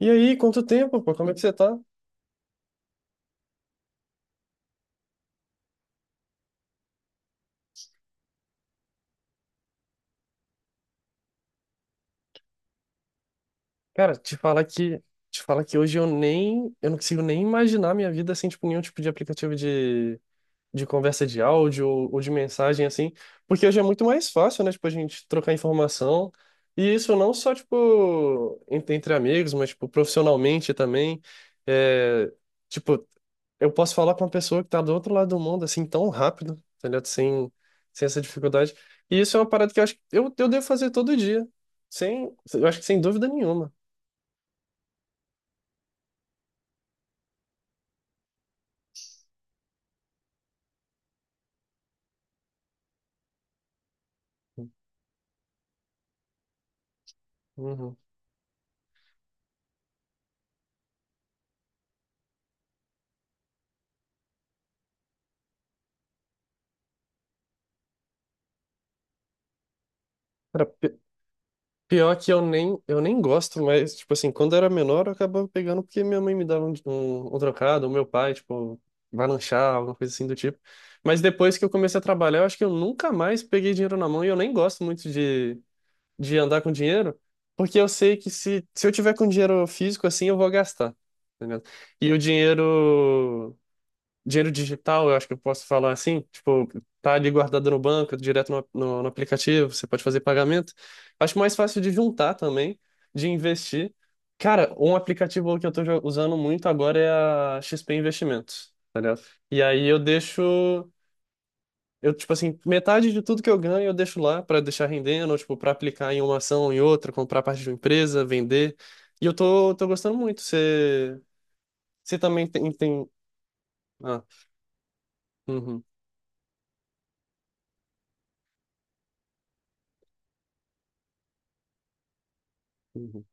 E aí, quanto tempo, pô? Como é que você tá? Cara, te falar que hoje eu não consigo nem imaginar minha vida sem, tipo, nenhum tipo de aplicativo de conversa de áudio ou de mensagem, assim, porque hoje é muito mais fácil, né, tipo, a gente trocar informação, e isso não só, tipo, entre amigos, mas, tipo, profissionalmente também, é, tipo, eu posso falar com uma pessoa que tá do outro lado do mundo, assim, tão rápido, tá ligado? Sem essa dificuldade. E isso é uma parada que eu acho que eu devo fazer todo dia. Sem, eu acho que sem dúvida nenhuma. Uhum. Cara, pior que eu nem gosto, mas, tipo assim, quando eu era menor, eu acabava pegando porque minha mãe me dava um trocado, ou meu pai, tipo, vai lanchar, alguma coisa assim do tipo. Mas depois que eu comecei a trabalhar, eu acho que eu nunca mais peguei dinheiro na mão e eu nem gosto muito de andar com dinheiro, porque eu sei que se eu tiver com dinheiro físico assim, eu vou gastar, tá ligado? E o dinheiro, dinheiro digital, eu acho que eu posso falar assim, tipo, tá ali guardado no banco, direto no aplicativo, você pode fazer pagamento. Acho mais fácil de juntar também, de investir. Cara, um aplicativo que eu tô usando muito agora é a XP Investimentos, tá ligado? E aí eu deixo. Eu, tipo assim, metade de tudo que eu ganho eu deixo lá pra deixar rendendo, ou, tipo, para aplicar em uma ação em outra, comprar parte de uma empresa, vender. E tô gostando muito. Você também tem, tem. Ah, uhum, uhum,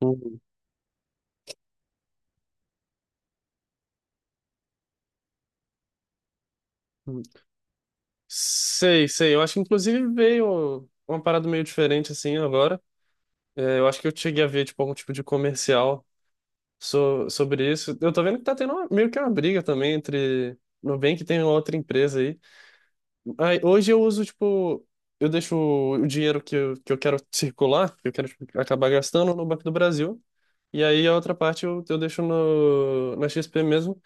uhum, uhum. Sei, sei. Eu acho que, inclusive, veio uma parada meio diferente, assim, agora. É, eu acho que eu cheguei a ver, tipo, algum tipo de comercial sobre isso. Eu tô vendo que tá tendo meio que uma briga também entre... Nubank e tem uma outra empresa aí. Aí, hoje eu uso, tipo, eu deixo o dinheiro que eu quero circular, que eu quero tipo, acabar gastando no Banco do Brasil. E aí a outra parte eu deixo no, na XP mesmo.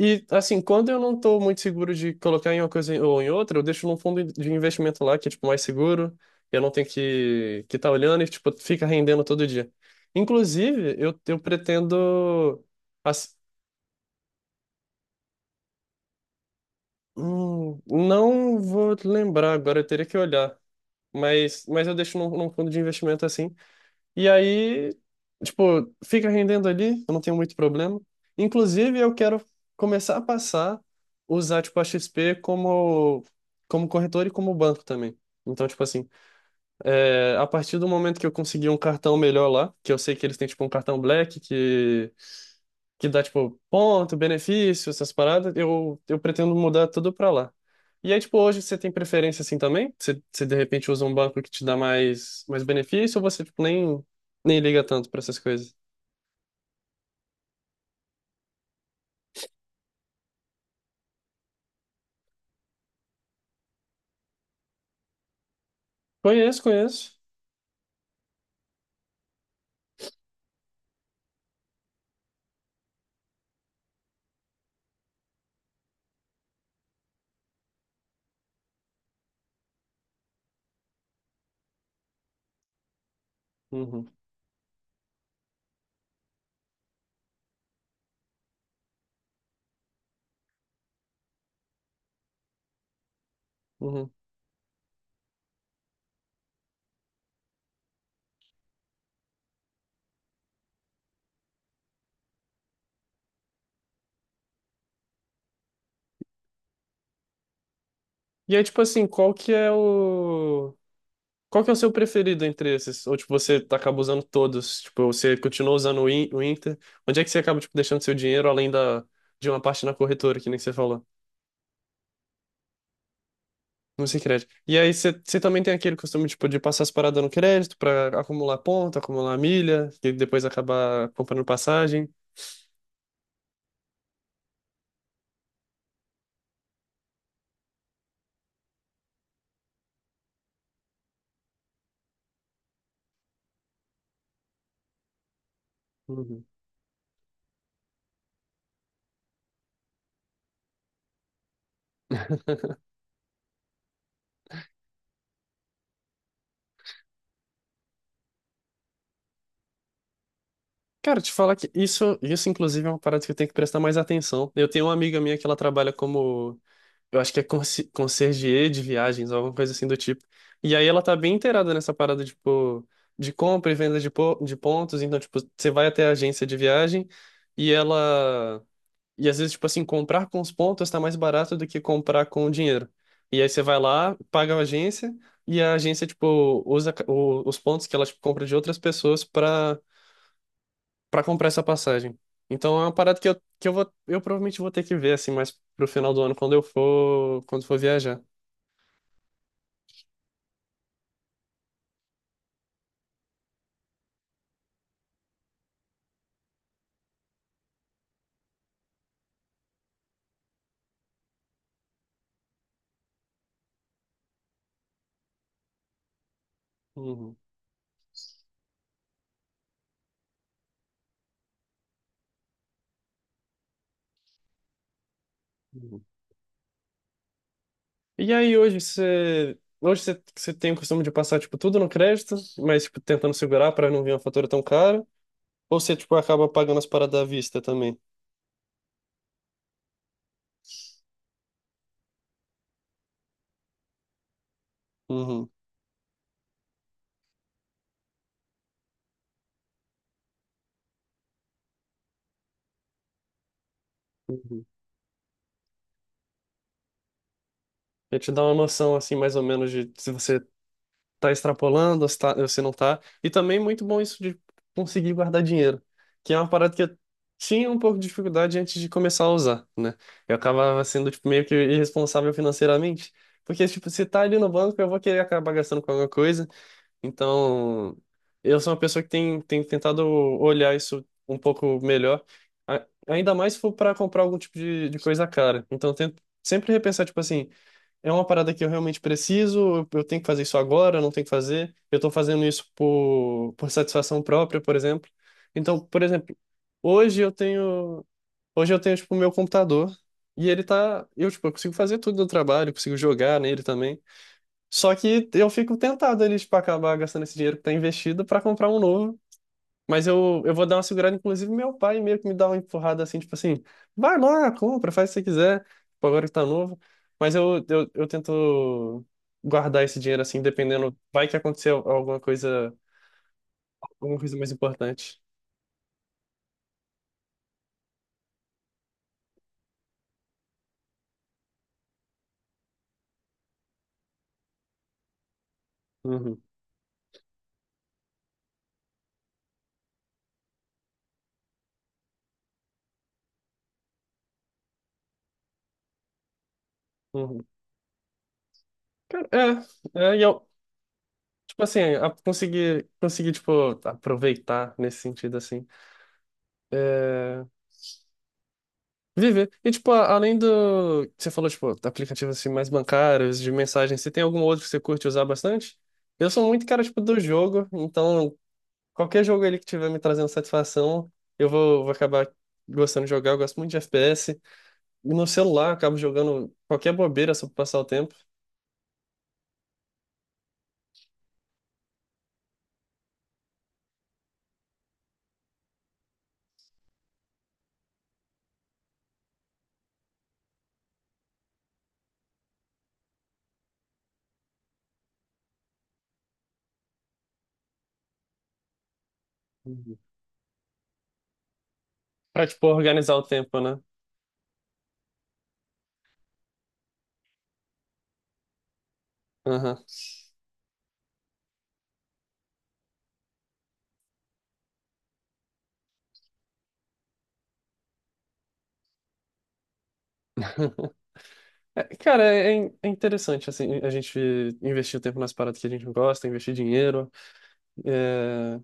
E, assim, quando eu não tô muito seguro de colocar em uma coisa ou em outra, eu deixo num fundo de investimento lá, que é, tipo, mais seguro. Eu não tenho que tá olhando e, tipo, fica rendendo todo dia. Inclusive, eu pretendo... ass- não vou lembrar agora, eu teria que olhar. Mas eu deixo num fundo de investimento assim. E aí, tipo, fica rendendo ali, eu não tenho muito problema. Inclusive, eu quero começar a passar, usar, tipo, a XP como, como corretor e como banco também. Então, tipo assim, é, a partir do momento que eu conseguir um cartão melhor lá, que eu sei que eles têm, tipo, um cartão Black, que dá, tipo, ponto, benefício, essas paradas, eu pretendo mudar tudo pra lá. E aí, tipo, hoje você tem preferência assim também? Você de repente usa um banco que te dá mais benefício ou você, tipo, nem liga tanto pra essas coisas? Conheço, conheço. Uhum, uhum. E aí, tipo assim, qual que é o... Qual que é o seu preferido entre esses? Ou, tipo, você acaba usando todos? Tipo, você continua usando o o Inter? Onde é que você acaba, tipo, deixando seu dinheiro além da, de uma parte na corretora, que nem você falou? Música e crédito. E aí você também tem aquele costume, tipo, de passar as paradas no crédito pra acumular ponto, acumular milha, e depois acabar comprando passagem. Uhum. Cara, te falar que isso inclusive é uma parada que eu tenho que prestar mais atenção. Eu tenho uma amiga minha que ela trabalha como, eu acho que é concierge de viagens, alguma coisa assim do tipo. E aí ela tá bem inteirada nessa parada, tipo, de compra e venda de, de pontos. Então, tipo, você vai até a agência de viagem e ela. E às vezes, tipo assim, comprar com os pontos tá mais barato do que comprar com o dinheiro. E aí você vai lá, paga a agência, e a agência, tipo, usa os pontos que ela, tipo, compra de outras pessoas pra para comprar essa passagem. Então é uma parada que eu vou, eu provavelmente vou ter que ver assim, mais pro final do ano quando eu for, quando for viajar. Uhum, uhum. E aí hoje você, você tem o costume de passar tipo tudo no crédito, mas tipo tentando segurar para não vir uma fatura tão cara, ou você tipo acaba pagando as paradas à vista também? Uhum. Uhum. Pra te dar uma noção, assim, mais ou menos, de se você tá extrapolando, se, tá, se não tá. E também muito bom isso de conseguir guardar dinheiro, que é uma parada que eu tinha um pouco de dificuldade antes de começar a usar, né? Eu acabava sendo, tipo, meio que irresponsável financeiramente, porque, tipo, se tá ali no banco, eu vou querer acabar gastando com alguma coisa. Então, eu sou uma pessoa que tem tentado olhar isso um pouco melhor, ainda mais se for para comprar algum tipo de coisa cara. Então, eu tento sempre repensar, tipo assim. É uma parada que eu realmente preciso, eu tenho que fazer isso agora, eu não tenho que fazer, eu tô fazendo isso por satisfação própria, por exemplo. Então, por exemplo, hoje eu tenho, hoje eu tenho, tipo, o meu computador e ele tá, eu, tipo, eu consigo fazer tudo do trabalho, eu consigo jogar nele também. Só que eu fico tentado ali, tipo, acabar gastando esse dinheiro que tá investido para comprar um novo. Eu vou dar uma segurada. Inclusive meu pai meio que me dá uma empurrada assim, tipo assim, vai lá, compra, faz o que você quiser, tipo, agora que tá novo. Eu tento guardar esse dinheiro assim, dependendo, vai que acontecer alguma coisa mais importante. Uhum, uhum. E eu, tipo assim, conseguir, tipo, aproveitar nesse sentido, assim. É. Viver. E, tipo, além do que você falou, tipo, aplicativos assim, mais bancários, de mensagem, você tem algum outro que você curte usar bastante? Eu sou muito cara, tipo, do jogo, então qualquer jogo ali que tiver me trazendo satisfação, vou acabar gostando de jogar. Eu gosto muito de FPS. E no celular, eu acabo jogando qualquer bobeira só pra passar o tempo. Uhum. Pra, tipo, organizar o tempo, né? Aham. É, cara, é interessante, assim, a gente investir o tempo nas paradas que a gente não gosta, investir dinheiro. É.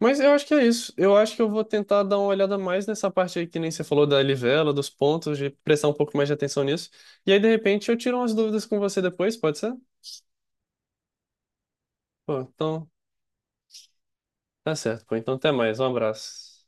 Mas eu acho que é isso. Eu acho que eu vou tentar dar uma olhada mais nessa parte aí que nem você falou da livela, dos pontos, de prestar um pouco mais de atenção nisso. E aí, de repente, eu tiro umas dúvidas com você depois, pode ser? Pô, então, tá certo. Pô, então, até mais. Um abraço.